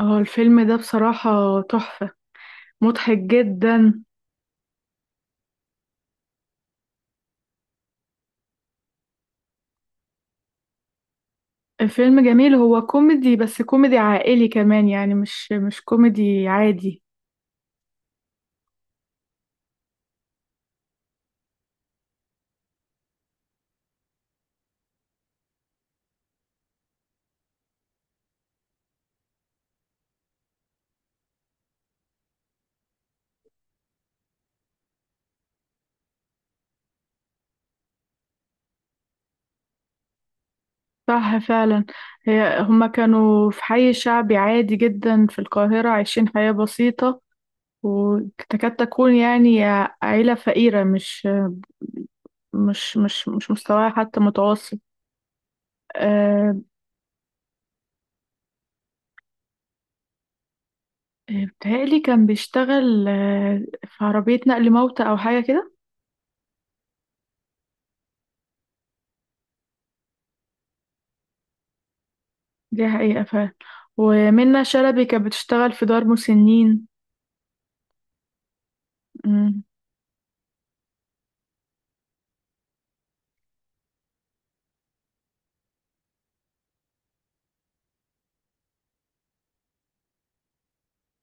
اه، الفيلم ده بصراحة تحفة. مضحك جدا. الفيلم جميل، هو كوميدي بس كوميدي عائلي كمان، يعني مش كوميدي عادي. صح فعلا. هما كانوا في حي شعبي عادي جدا في القاهرة، عايشين حياة بسيطة وتكاد تكون يعني عيلة فقيرة، مش مستواها حتى متوسط. أه. بتهيألي كان بيشتغل في عربية نقل موتى أو حاجة كده. دي حقيقة فعلا، ومنة شلبي كانت بتشتغل في دار مسنين. مم.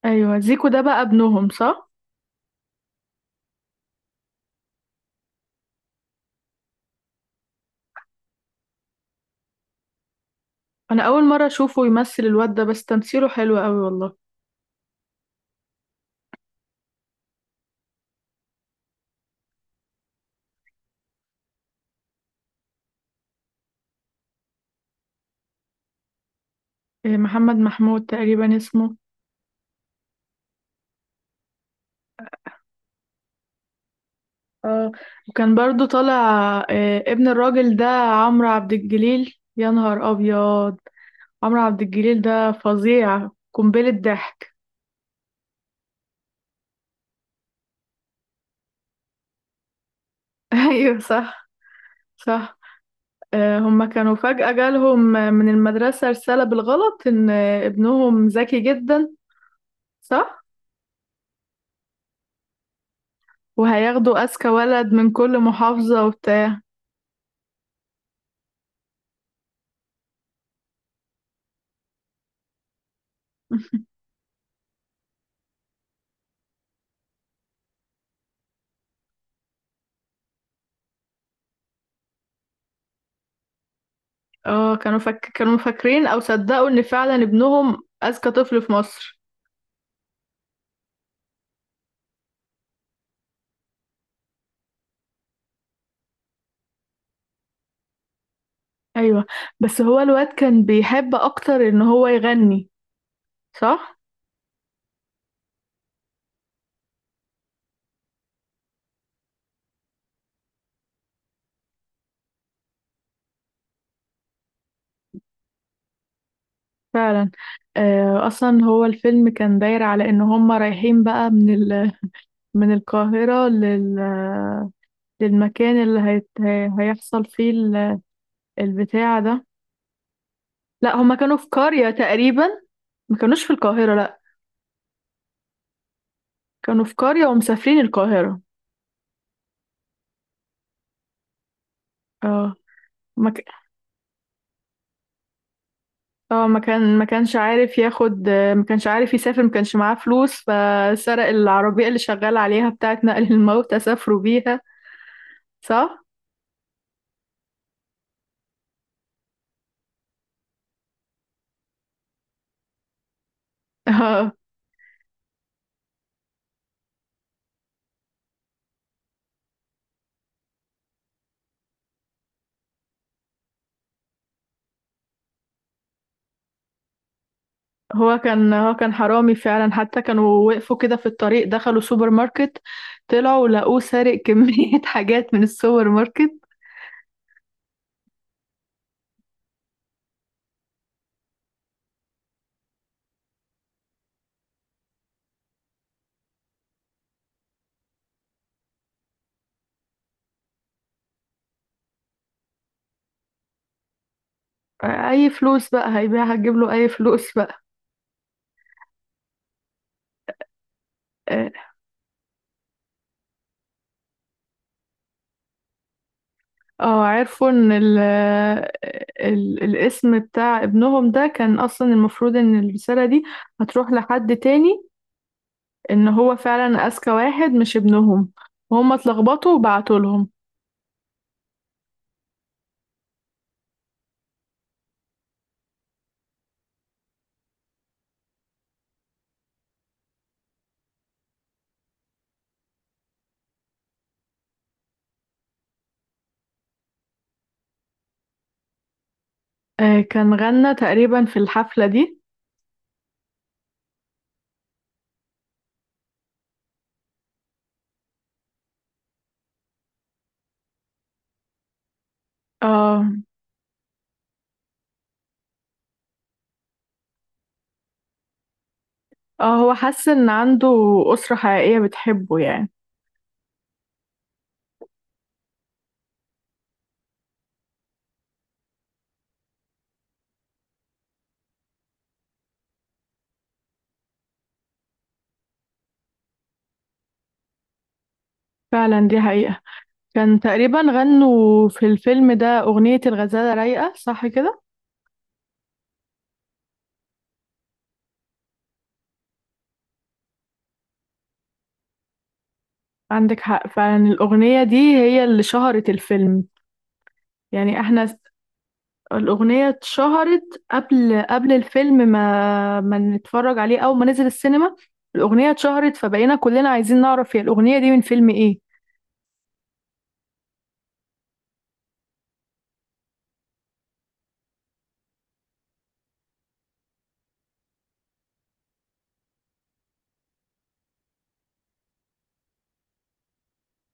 أيوة، زيكو ده بقى ابنهم صح؟ أنا أول مرة أشوفه يمثل، الواد ده بس تمثيله حلو أوي والله. إيه، محمد محمود تقريبا اسمه. اه، وكان برضو طالع ابن الراجل ده عمرو عبد الجليل، يا نهار أبيض! عمرو عبد الجليل ده فظيع، قنبلة ضحك. أيوة، صح، صح. هما كانوا فجأة جالهم من المدرسة رسالة بالغلط إن ابنهم ذكي جدا، صح؟ وهياخدوا أذكى ولد من كل محافظة وبتاع. اه، كانوا فاكرين أو صدقوا إن فعلا ابنهم أذكى طفل في مصر. أيوة. بس هو الواد كان بيحب أكتر إن هو يغني، صح؟ فعلا. أصلا هو الفيلم كان داير على إن هما رايحين بقى من القاهرة للمكان اللي هيحصل فيه البتاع ده. لا، هما كانوا في قرية تقريبا، ما كانوش في القاهرة، لا كانوا في قرية ومسافرين القاهرة. اه. ما ك... ما كانش عارف ياخد، ما كانش عارف يسافر، ما كانش معاه فلوس، فسرق العربية اللي شغال عليها بتاعة نقل الموتى، سافروا بيها. صح. اه، هو كان حرامي فعلا، حتى كانوا وقفوا كده في الطريق، دخلوا سوبر ماركت، طلعوا لقوه سارق كمية حاجات من السوبر ماركت. أي فلوس بقى هيبيعها، هتجيب له أي فلوس بقى. آه. اه، عرفوا ان ال ال الاسم بتاع ابنهم ده كان اصلا المفروض ان الرسالة دي هتروح لحد تاني، ان هو فعلا اذكى واحد، مش ابنهم، وهم اتلخبطوا وبعتوا لهم. آه، كان غنى تقريبا في الحفلة دي. اه، اه، هو حس ان عنده أسرة حقيقية بتحبه يعني. فعلا، دي حقيقة. كان تقريبا غنوا في الفيلم ده أغنية الغزالة رايقة، صح كده؟ عندك حق فعلا، الأغنية دي هي اللي شهرت الفيلم يعني، احنا الأغنية اتشهرت قبل الفيلم ما نتفرج عليه، أول ما نزل السينما. الأغنية اتشهرت، فبقينا كلنا عايزين نعرف هي الأغنية دي من فيلم إيه.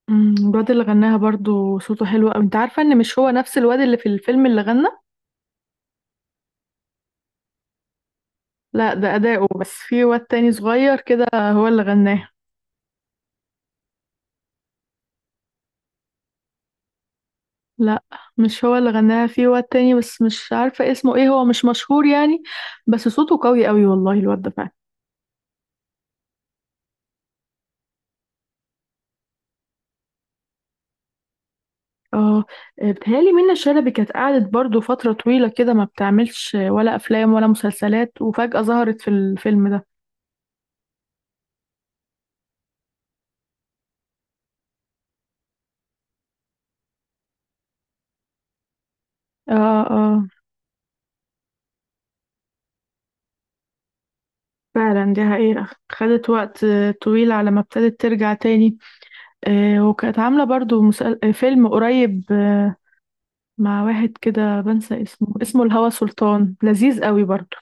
الواد اللي غناها برضو صوته حلو أوي. أنت عارفة إن مش هو نفس الواد اللي في الفيلم اللي غنى؟ لا، ده أداؤه بس، في واد تاني صغير كده هو اللي غناها. لا، مش هو اللي غناها، في واد تاني بس مش عارفة اسمه إيه، هو مش مشهور يعني. بس صوته قوي أوي والله الواد ده. اه. بتهيألي منة شلبي كانت قعدت برضو فترة طويلة كده ما بتعملش ولا أفلام ولا مسلسلات، وفجأة ظهرت في الفيلم ده. اه، اه. فعلا دي حقيقة، خدت وقت طويل على ما ابتدت ترجع تاني. وكانت عاملة برضو مسل... آه، فيلم قريب مع واحد كده بنسى اسمه الهوى سلطان، لذيذ قوي برضو.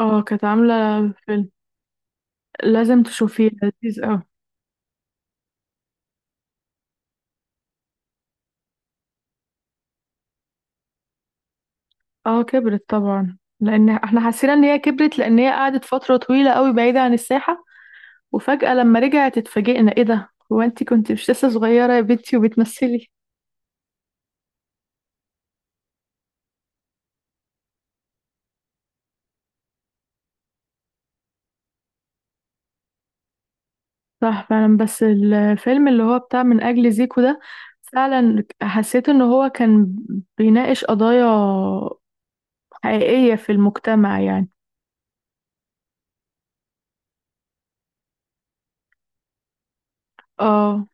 اه، كانت عاملة فيلم، لازم تشوفيه، لذيذ قوي. اه، كبرت طبعا، لان احنا حسينا ان هي كبرت، لان هي قعدت فترة طويلة قوي بعيدة عن الساحة، وفجأة لما رجعت اتفاجئنا، ايه ده، هو انتي كنت مش لسه صغيرة يا بنتي وبتمثلي؟ صح فعلا. بس الفيلم اللي هو بتاع من أجل زيكو ده، فعلا حسيت ان هو كان بيناقش قضايا حقيقية في المجتمع يعني. اه.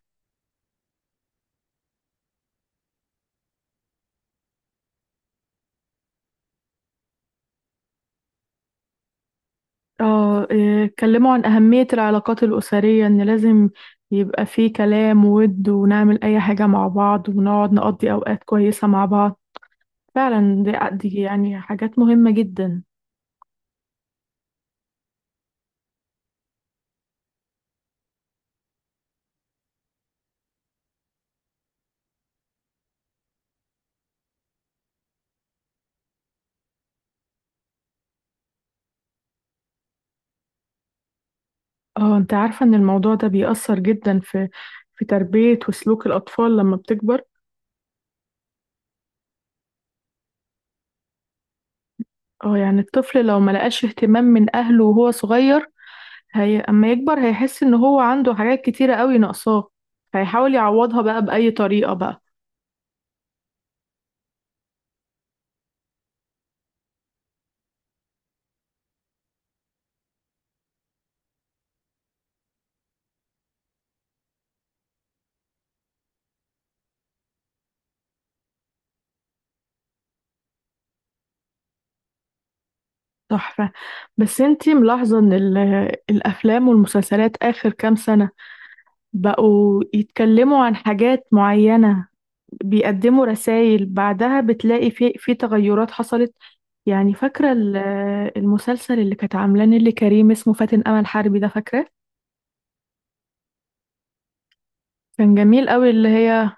اه، إيه، اتكلموا عن أهمية العلاقات الأسرية، ان لازم يبقى فيه كلام وود ونعمل أي حاجة مع بعض ونقعد نقضي أوقات كويسة مع بعض. فعلا دي يعني حاجات مهمة جدا. اه، انت عارفة ان الموضوع ده بيأثر جدا في تربية وسلوك الأطفال لما بتكبر. اه، يعني الطفل لو ما لقاش اهتمام من أهله وهو صغير، هي اما يكبر هيحس ان هو عنده حاجات كتيرة قوي ناقصاه، هيحاول يعوضها بقى بأي طريقة بقى. تحفة. بس انتي ملاحظة ان الأفلام والمسلسلات آخر كام سنة بقوا يتكلموا عن حاجات معينة، بيقدموا رسائل بعدها بتلاقي في تغيرات حصلت يعني؟ فاكرة المسلسل اللي كانت عاملاه نيللي كريم اسمه فاتن أمل حربي ده؟ فاكرة، كان جميل قوي، اللي هي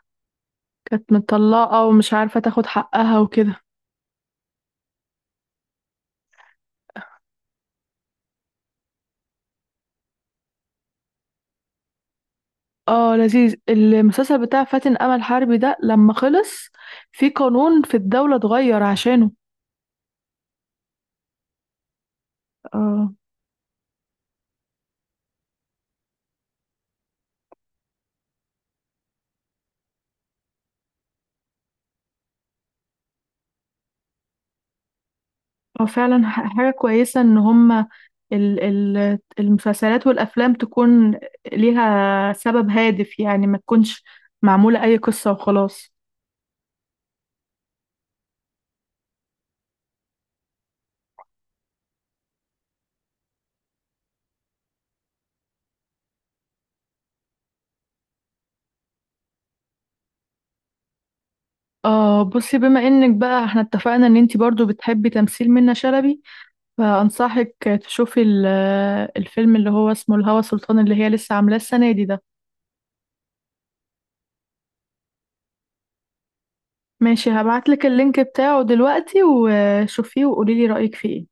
كانت متطلقة ومش عارفة تاخد حقها وكده. اه، لذيذ. المسلسل بتاع فاتن أمل حربي ده لما خلص، في قانون في الدولة اتغير عشانه. اه، هو فعلا حاجة كويسة إن هما المسلسلات والأفلام تكون ليها سبب هادف يعني، ما تكونش معمولة أي قصة وخلاص. آه، بصي، بما إنك بقى احنا اتفقنا إن انتي برضو بتحبي تمثيل منة شلبي، فأنصحك تشوفي الفيلم اللي هو اسمه الهوى سلطان، اللي هي لسه عاملاه السنة دي ده. ماشي، هبعتلك اللينك بتاعه دلوقتي، وشوفيه وقوليلي رأيك فيه إيه.